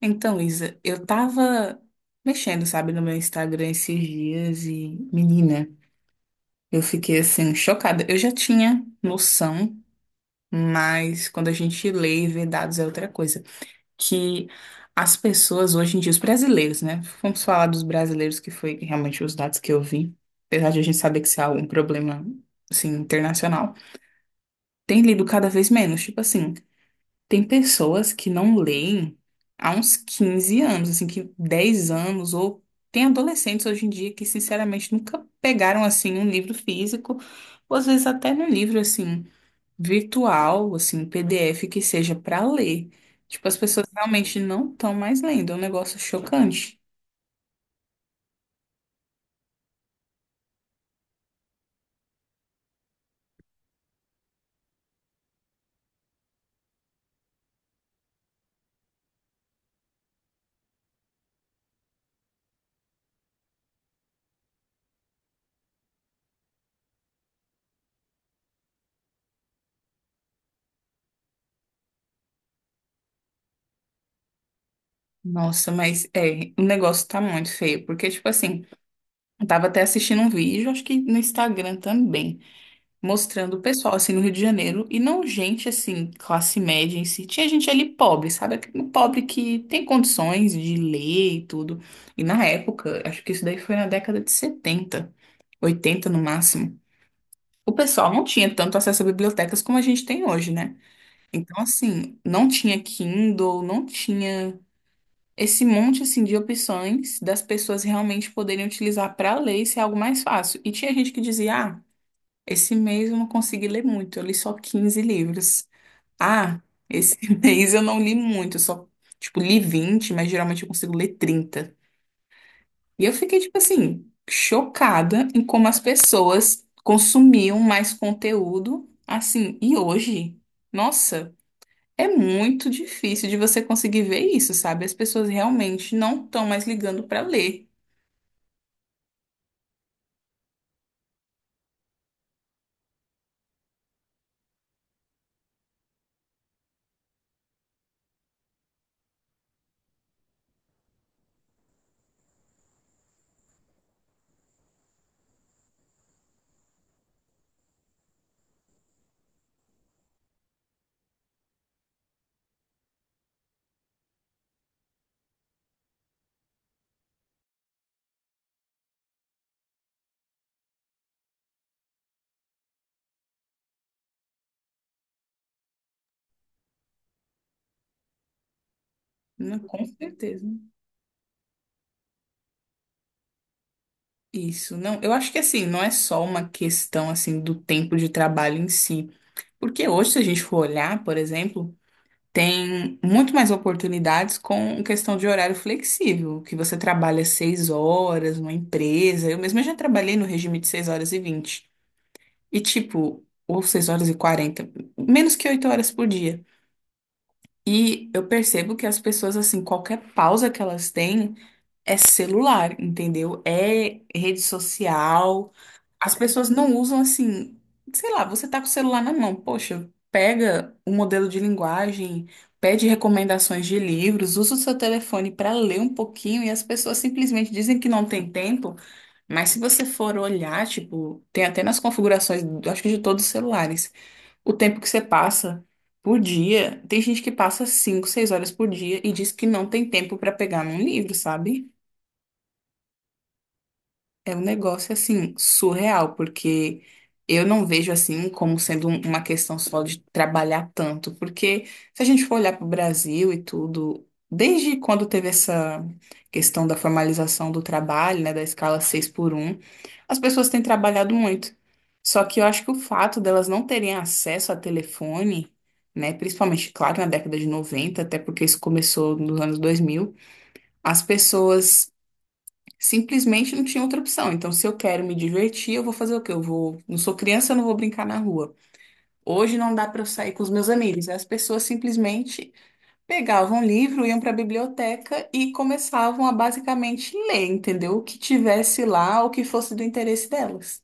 Então, Isa, eu tava mexendo, sabe, no meu Instagram esses dias e, menina, eu fiquei assim, chocada. Eu já tinha noção, mas quando a gente lê e vê dados é outra coisa. Que as pessoas hoje em dia, os brasileiros, né? Vamos falar dos brasileiros, que foi realmente os dados que eu vi. Apesar de a gente saber que isso é um problema, assim, internacional, tem lido cada vez menos. Tipo assim. Tem pessoas que não leem há uns 15 anos, assim, que 10 anos, ou tem adolescentes hoje em dia que, sinceramente, nunca pegaram, assim, um livro físico, ou às vezes até num livro, assim, virtual, assim, PDF que seja para ler. Tipo, as pessoas realmente não estão mais lendo, é um negócio chocante. Nossa, mas é, o negócio tá muito feio, porque, tipo assim, eu tava até assistindo um vídeo, acho que no Instagram também mostrando o pessoal assim no Rio de Janeiro e não gente assim, classe média em si. Tinha gente ali pobre, sabe? Aquele pobre que tem condições de ler e tudo. E na época, acho que isso daí foi na década de 70, 80 no máximo. O pessoal não tinha tanto acesso a bibliotecas como a gente tem hoje, né? Então, assim, não tinha Kindle, não tinha esse monte assim de opções das pessoas realmente poderem utilizar para ler e ser algo mais fácil. E tinha gente que dizia, ah, esse mês eu não consegui ler muito, eu li só 15 livros. Ah, esse mês eu não li muito, eu só, tipo, li 20, mas geralmente eu consigo ler 30. E eu fiquei, tipo assim, chocada em como as pessoas consumiam mais conteúdo, assim, e hoje, nossa, é muito difícil de você conseguir ver isso, sabe? As pessoas realmente não estão mais ligando para ler, né? Com certeza. Isso, não, eu acho que assim, não é só uma questão assim do tempo de trabalho em si, porque hoje, se a gente for olhar, por exemplo, tem muito mais oportunidades com questão de horário flexível, que você trabalha 6 horas numa empresa. Eu mesma já trabalhei no regime de 6h20, e tipo, ou 6h40, menos que 8 horas por dia. E eu percebo que as pessoas, assim, qualquer pausa que elas têm é celular, entendeu? É rede social. As pessoas não usam assim, sei lá, você tá com o celular na mão, poxa, pega o modelo de linguagem, pede recomendações de livros, usa o seu telefone para ler um pouquinho e as pessoas simplesmente dizem que não tem tempo, mas se você for olhar, tipo, tem até nas configurações, acho que de todos os celulares, o tempo que você passa por dia, tem gente que passa 5, 6 horas por dia e diz que não tem tempo para pegar num livro, sabe? É um negócio assim surreal, porque eu não vejo assim como sendo uma questão só de trabalhar tanto, porque se a gente for olhar para o Brasil e tudo, desde quando teve essa questão da formalização do trabalho, né, da escala 6x1, as pessoas têm trabalhado muito. Só que eu acho que o fato delas não terem acesso a telefone, né, principalmente, claro, na década de 90, até porque isso começou nos anos 2000, as pessoas simplesmente não tinha outra opção. Então, se eu quero me divertir, eu vou fazer o quê? Eu vou. Não sou criança, eu não vou brincar na rua. Hoje não dá para eu sair com os meus amigos. As pessoas simplesmente pegavam um livro, iam para a biblioteca e começavam a basicamente ler, entendeu? O que tivesse lá, o que fosse do interesse delas.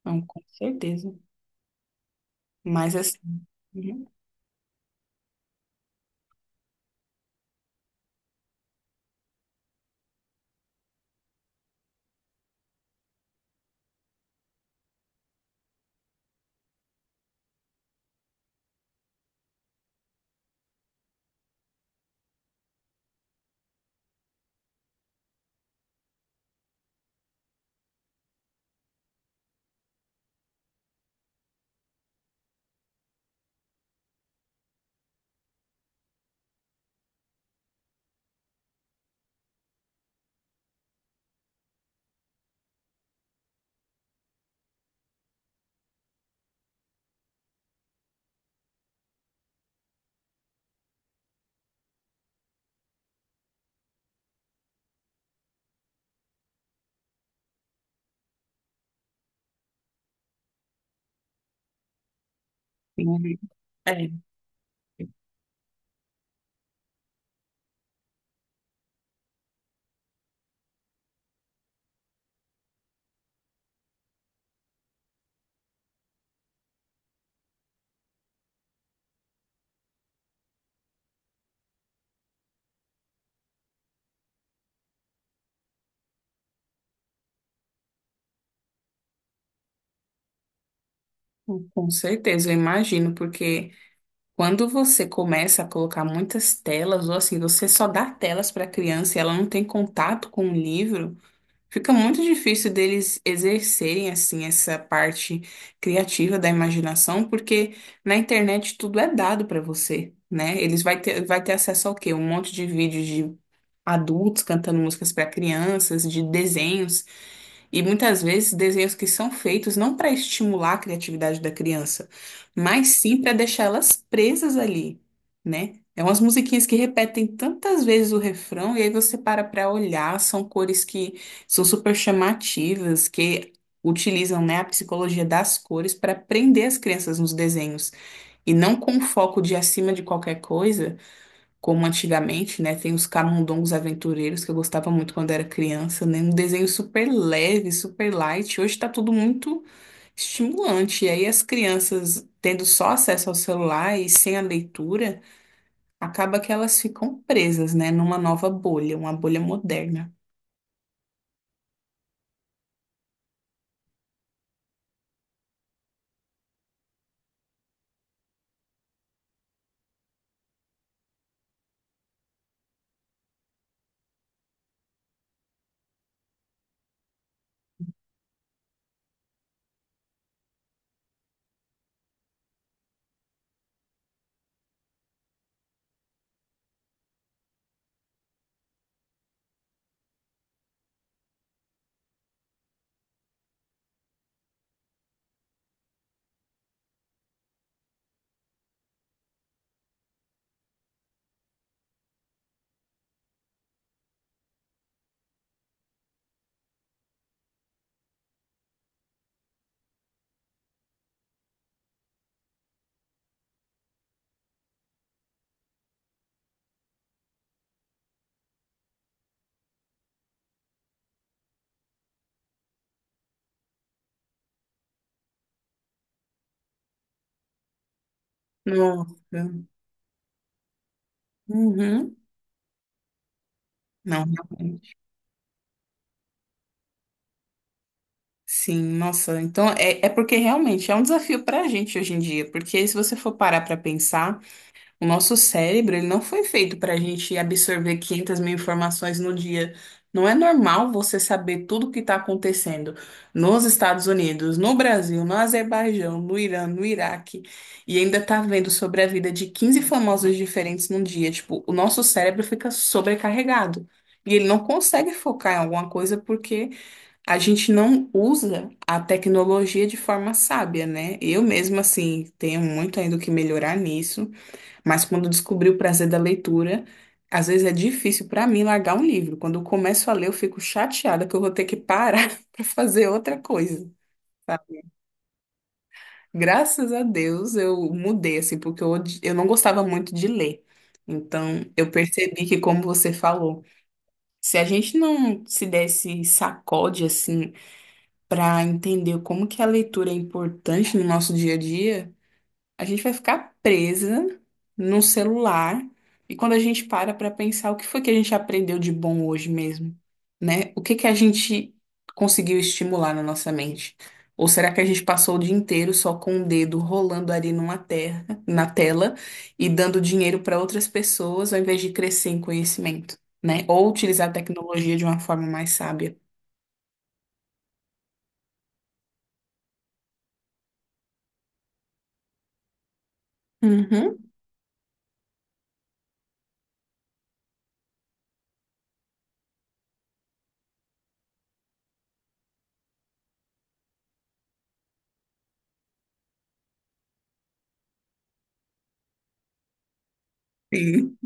Então, com certeza. Mas assim. Uhum, uhum. É, com certeza, eu imagino, porque. Quando você começa a colocar muitas telas, ou assim, você só dá telas para a criança e ela não tem contato com o livro, fica muito difícil deles exercerem, assim, essa parte criativa da imaginação, porque na internet tudo é dado para você, né? Eles vai ter acesso ao quê? Um monte de vídeos de adultos cantando músicas para crianças, de desenhos. E muitas vezes desenhos que são feitos não para estimular a criatividade da criança, mas sim para deixá-las presas ali, né? É umas musiquinhas que repetem tantas vezes o refrão, e aí você para para olhar, são cores que são super chamativas, que utilizam, né, a psicologia das cores para prender as crianças nos desenhos. E não com um foco de acima de qualquer coisa como antigamente, né? Tem os camundongos aventureiros que eu gostava muito quando era criança, né? Um desenho super leve, super light. Hoje tá tudo muito estimulante. E aí as crianças tendo só acesso ao celular e sem a leitura, acaba que elas ficam presas, né? Numa nova bolha, uma bolha moderna. Nossa. Uhum. Não, realmente. Sim, nossa. Então é porque realmente é um desafio para a gente hoje em dia, porque se você for parar para pensar. O nosso cérebro, ele não foi feito para a gente absorver 500 mil informações no dia. Não é normal você saber tudo o que está acontecendo nos Estados Unidos, no Brasil, no Azerbaijão, no Irã, no Iraque, e ainda tá vendo sobre a vida de 15 famosos diferentes num dia. Tipo, o nosso cérebro fica sobrecarregado. E ele não consegue focar em alguma coisa porque a gente não usa a tecnologia de forma sábia, né? Eu mesma, assim, tenho muito ainda o que melhorar nisso. Mas quando eu descobri o prazer da leitura, às vezes é difícil para mim largar um livro. Quando eu começo a ler, eu fico chateada que eu vou ter que parar para fazer outra coisa. Sabe? Graças a Deus eu mudei, assim, porque eu não gostava muito de ler. Então, eu percebi que, como você falou, se a gente não se desse sacode, assim, para entender como que a leitura é importante no nosso dia a dia. A gente vai ficar presa num celular e quando a gente para para pensar o que foi que a gente aprendeu de bom hoje mesmo, né? O que que a gente conseguiu estimular na nossa mente? Ou será que a gente passou o dia inteiro só com o dedo rolando ali numa terra, na tela e dando dinheiro para outras pessoas ao invés de crescer em conhecimento, né? Ou utilizar a tecnologia de uma forma mais sábia? Uhum. Sim.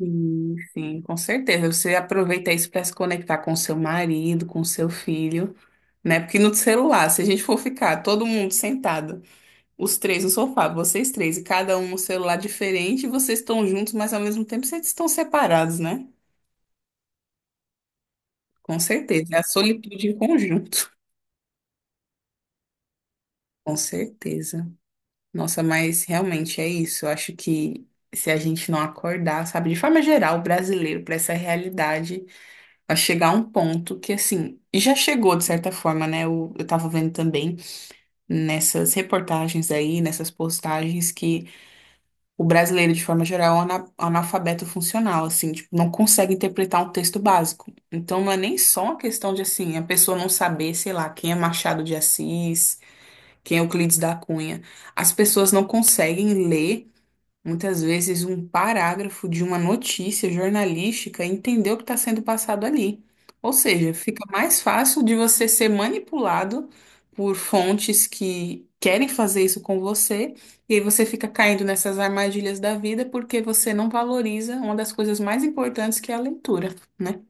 Sim, sim, com certeza. Você aproveita isso para se conectar com seu marido, com seu filho, né? Porque no celular, se a gente for ficar todo mundo sentado, os três no sofá, vocês três, e cada um no celular diferente, vocês estão juntos, mas ao mesmo tempo vocês estão separados, né? Com certeza. É a solitude em conjunto. Com certeza. Nossa, mas realmente é isso. Eu acho que se a gente não acordar, sabe, de forma geral, o brasileiro, para essa realidade. A chegar a um ponto que, assim, e já chegou de certa forma, né? Eu tava vendo também nessas reportagens aí, nessas postagens, que o brasileiro, de forma geral, é um analfabeto funcional, assim, tipo, não consegue interpretar um texto básico. Então, não é nem só uma questão de, assim, a pessoa não saber, sei lá, quem é Machado de Assis, quem é Euclides da Cunha. As pessoas não conseguem ler. Muitas vezes, um parágrafo de uma notícia jornalística, entender o que está sendo passado ali. Ou seja, fica mais fácil de você ser manipulado por fontes que querem fazer isso com você, e aí você fica caindo nessas armadilhas da vida porque você não valoriza uma das coisas mais importantes, que é a leitura, né?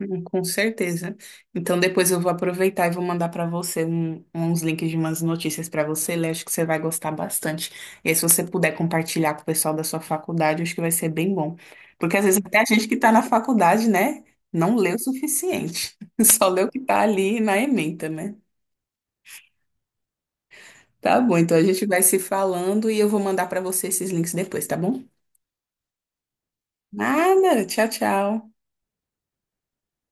Com certeza. Então depois eu vou aproveitar e vou mandar para você uns links de umas notícias para você ler. Acho que você vai gostar bastante. E aí, se você puder compartilhar com o pessoal da sua faculdade, acho que vai ser bem bom. Porque às vezes até a gente que está na faculdade, né, não lê o suficiente. Só lê o que está ali na ementa, né? Tá bom, então a gente vai se falando e eu vou mandar para você esses links depois, tá bom? Nada, tchau, tchau.